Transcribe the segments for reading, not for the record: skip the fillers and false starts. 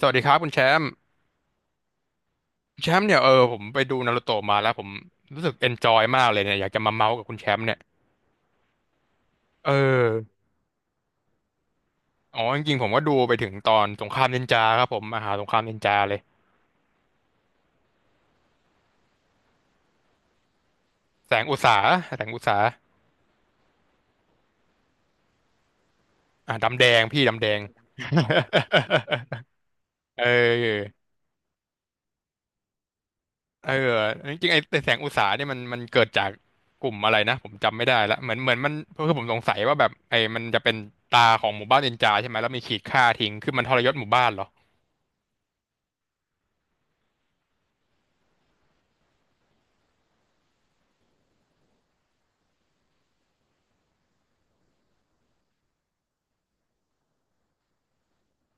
สวัสดีครับคุณแชมป์แชมป์เนี่ยผมไปดูนารูโตะมาแล้วผมรู้สึกเอนจอยมากเลยเนี่ยอยากจะมาเมาส์กับคุณแชมป์เนี่ยเออจริงๆผมก็ดูไปถึงตอนสงครามนินจาครับผมมหาสงครามนินจาเลยแสงอุตสาแสงอุตสาอ่ะดำแดงพี่ดำแดง เออเออจริงๆไอ้แสงอุตสาเนี่ยมันเกิดจากกลุ่มอะไรนะผมจำไม่ได้ละเหมือนมันคือผมสงสัยว่าแบบไอ้มันจะเป็นตาของหมู่บ้านนินจาใช่ไหมแล้วมีขีดฆ่าทิ้งคือมันทรยศหมู่บ้านเหรอ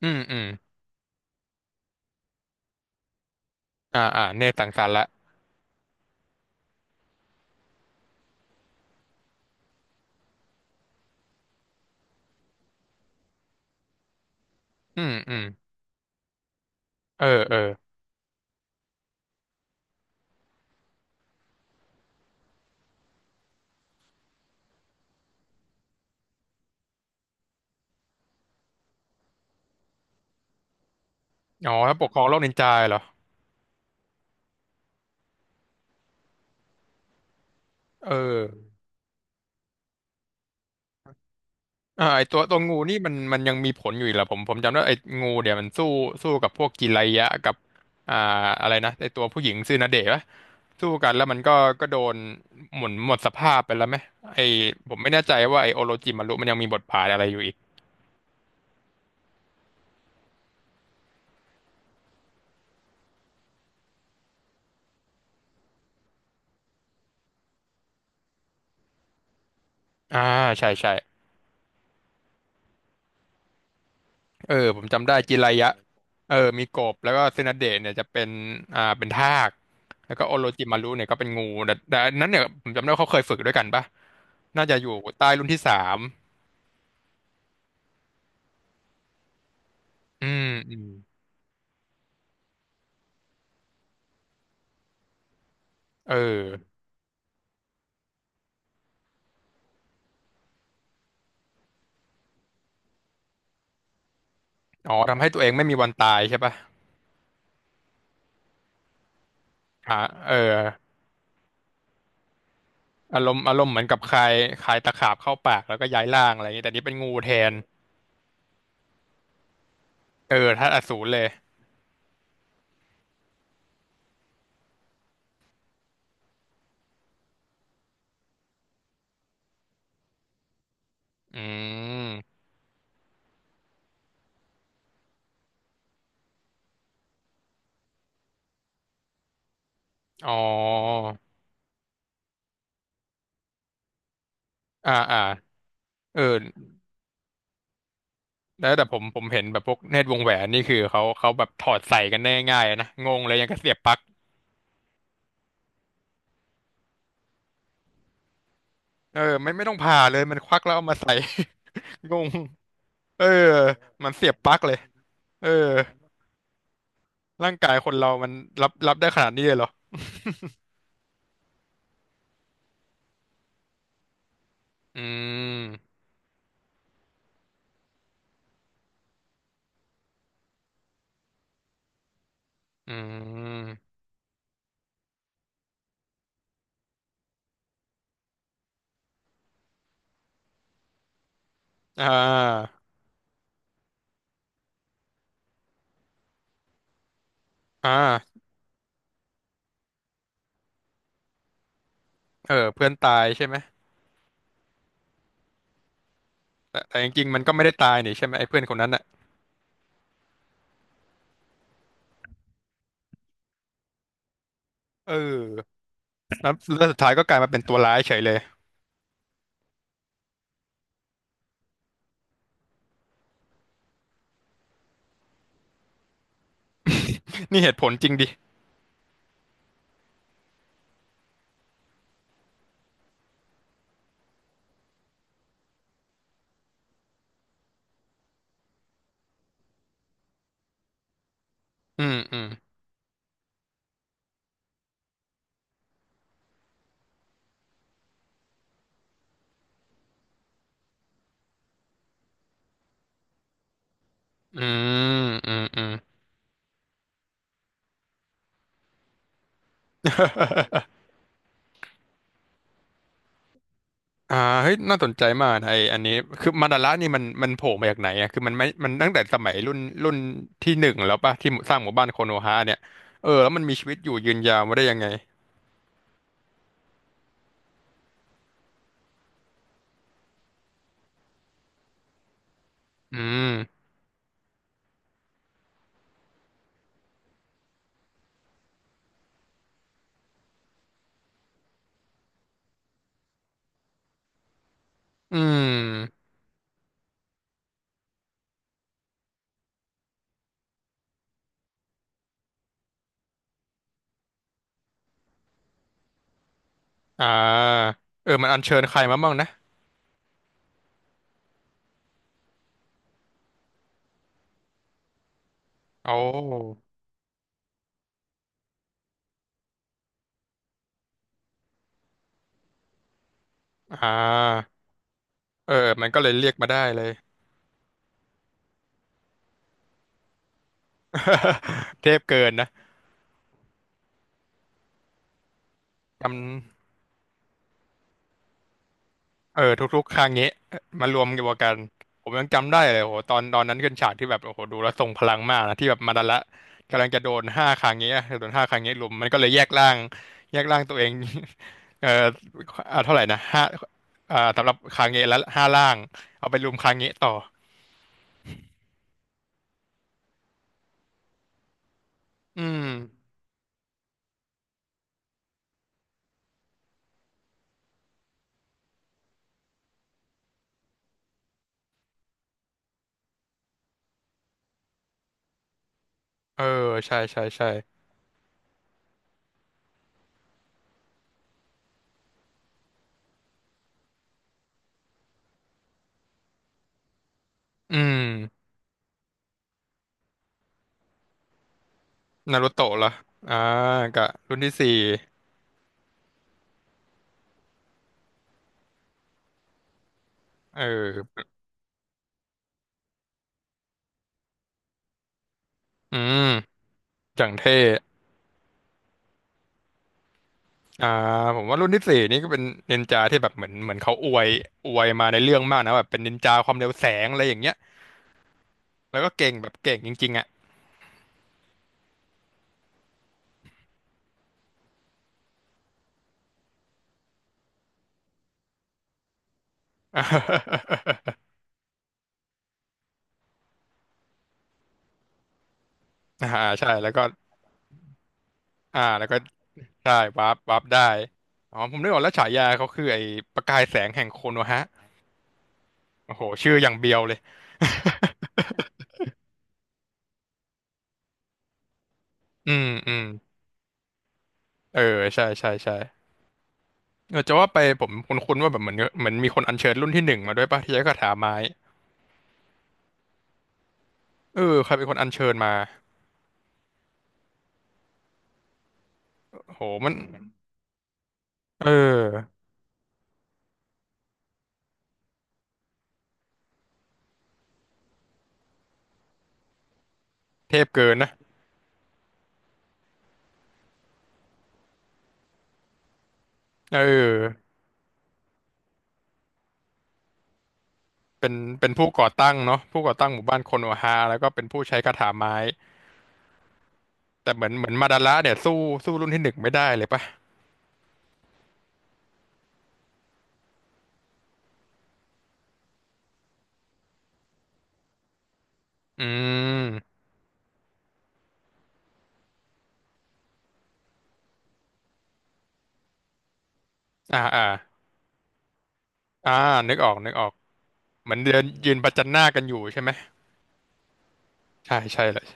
อืมอืม อ่าอ่าเนตรสังสรรค์ละ อืมอืมเออเออถ้าปกครองโลกนินจาเหรอเออไอตัวตัวงูนี่มันยังมีผลอยู่อีกเหรอผมจำได้ไองูเดี๋ยวมันสู้สู้กับพวกจิไรยะกับอ่าอะไรนะไอตัวผู้หญิงซื่อนาเดะปะสู้กันแล้วมันก็ก็โดนหมุนหมดสภาพไปแล้วไหมไอผมไม่แน่ใจว่าไอโอโรจิมารุมันยังมีบทบาทอะไรอยู่อีกอ่าใช่ใช่ เออผมจำได้จิไรยะเออมีกบแล้วก็เซนาเดะเนี่ยจะเป็นเป็นทากแล้วก็โอโรจิมารุเนี่ยก็เป็นงูแต่อันนั้นเนี่ยผมจำได้ว่าเขาเคยฝึกด้วยกันปะน่าจะอยู่ใต้รุ่นที่สามอืมอืมเออทำให้ตัวเองไม่มีวันตายใช่ปะอ่าเอออารมณ์เหมือนกับคายคายตะขาบเข้าปากแล้วก็ย้ายร่างอะไรอย่างงี้แต่นี่เป็นงูแทนเออธาตุอสูรเลยอืมอ๋ออ่าอ่าเออ แล้วแต่ผมเห็นแบบพวกเนตรวงแหวนนี่คือเขาแบบถอดใส่กันได้ง่ายๆนะงงเลยยังก็เสียบปลั๊กเออไม่ต้องผ่าเลยมันควักแล้วเอามาใส่ งงเออมันเสียบปลั๊กเลยเออร่างกายคนเรามันรับได้ขนาดนี้เลยเหรออืมอืมอ่าอ่าเออเพื่อนตายใช่ไหมแต่จริงๆมันก็ไม่ได้ตายนี่ใช่ไหมไอ้เพื่อนคนนั้นอ่ะเออแล้วสุดท้ายก็กลายมาเป็นตัวร้ายเฉยเลยนี่เหตุผลจริงดิอืมอืมอืมอืม อืม อ่าเฮ้ยน่าสนใจมากนะไออันนี้คือมาดาระนี่มันมันโผล่มาจากไหนอ่ะคือมันไม่มันตั้งแต่สมัยรุ่นรุ่นที่หนึ่งแล้วป่ะที่สร้างหมู่บ้านโคโนฮาเนี่ยเออแล้วมันมีชีวิตอยู่ยืนยาวมาได้ยังไงอืมอืมอ่าเออมันอัญเชิญใครมาบ้างนะโอ้อ่าเออมันก็เลยเรียกมาได้เลย เทพเกินนะจ เออทุกๆครั้งนี้มารวมกันผมยังจำได้เลยโหตอนตอนนั้นขึ้นฉากที่แบบโอ้โหดูแล้วทรงพลังมากนะที่แบบมาดาระกำลังจะโดนห้าครั้งนี้อโดนห้าครั้งนี้ลุมมันก็เลยแยกร่างตัวเอง เออเท่าไหร่นะห้าสำหรับครั้งนี้แล้วห้าร่างเอาไปลุมครั้งนี้ต่ออืมเออใช่ใช่ใช่อืมนารุโตะเหรออ่ากับรุ่นที่สี่เอออืมจังเท่ อ่าผมว่ารุ่นที่สี่นี่ก็เป็นนินจาที่แบบเหมือนเขาอวยมาในเรื่องมากนะแบบเป็นนินจาความเร็วแสงอะไรอย่างเงี้ยแล้วก็เก่งแบบเก่งจริงๆอ่ะ อ่าใช่แล้วก็อ่าแล้วก็ใช่วาร์ปได้อ๋อผมนึกออกแล้วฉายาเขาคือไอ้ประกายแสงแห่งโคโนฮะโอ้โหชื่ออย่างเบียวเลย อืมอืมเออใช่ใช่ใช่เออจะว่าไปผมคุ้นๆว่าแบบเหมือนมีคนอัญเชิญรุ่นที่หนึ่งมาด้วยป่ะที่ใช้คาถาไม้เออใครเป็นคนอัญเชิญมาโอ้โหมันเออ เทพเกินนะเออเป็นเป็นผู้ก่อตั้งเนาะผู้ก่อตั้งหมู่บ้านโคโนฮาแล้วก็เป็นผู้ใช้คาถาไม้แต่เหมือนมาดาระเนี่ยสู้สู้รุ่นที่หนึ่งไม่ได้เลยปะอืมอ่าอ่าอ่านึกออกนึกออกเหมือนเดินยืนประจันหน้ากันอยู่ใช่ไหมใช่ใช่เลย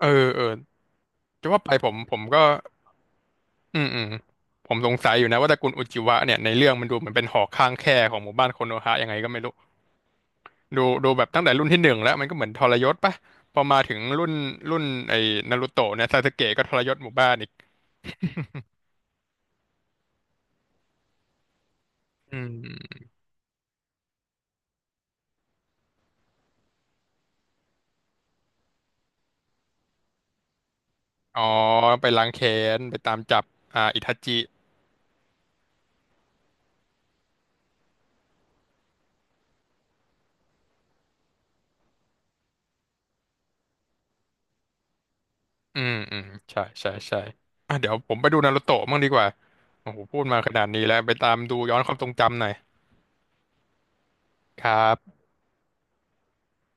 เออเออจะว่าไปผมก็อืมอืมผมสงสัยอยู่นะว่าตระกูลอุจิวะเนี่ยในเรื่องมันดูเหมือนเป็นหอข้างแคของหมู่บ้านโคโนฮะยังไงก็ไม่รู้ ดูดูแบบตั้งแต่รุ่นที่หนึ่งแล้วมันก็เหมือนทรยศปะพอมาถึงรุ่นรุ่นไอ้นารูโตะเนี่ยซาสึเกะก็ทรยศหมู่บ้านอีกอืมอ๋อไปล้างแค้นไปตามจับอ่าอิทาจิอืมอืมใช่ใช่ใช่อ่ะเดี๋ยวผมไปดูนารูโตะมั่งดีกว่าโอ้โหพูดมาขนาดนี้แล้วไปตามดูย้อนความทรงจำหน่อยครับ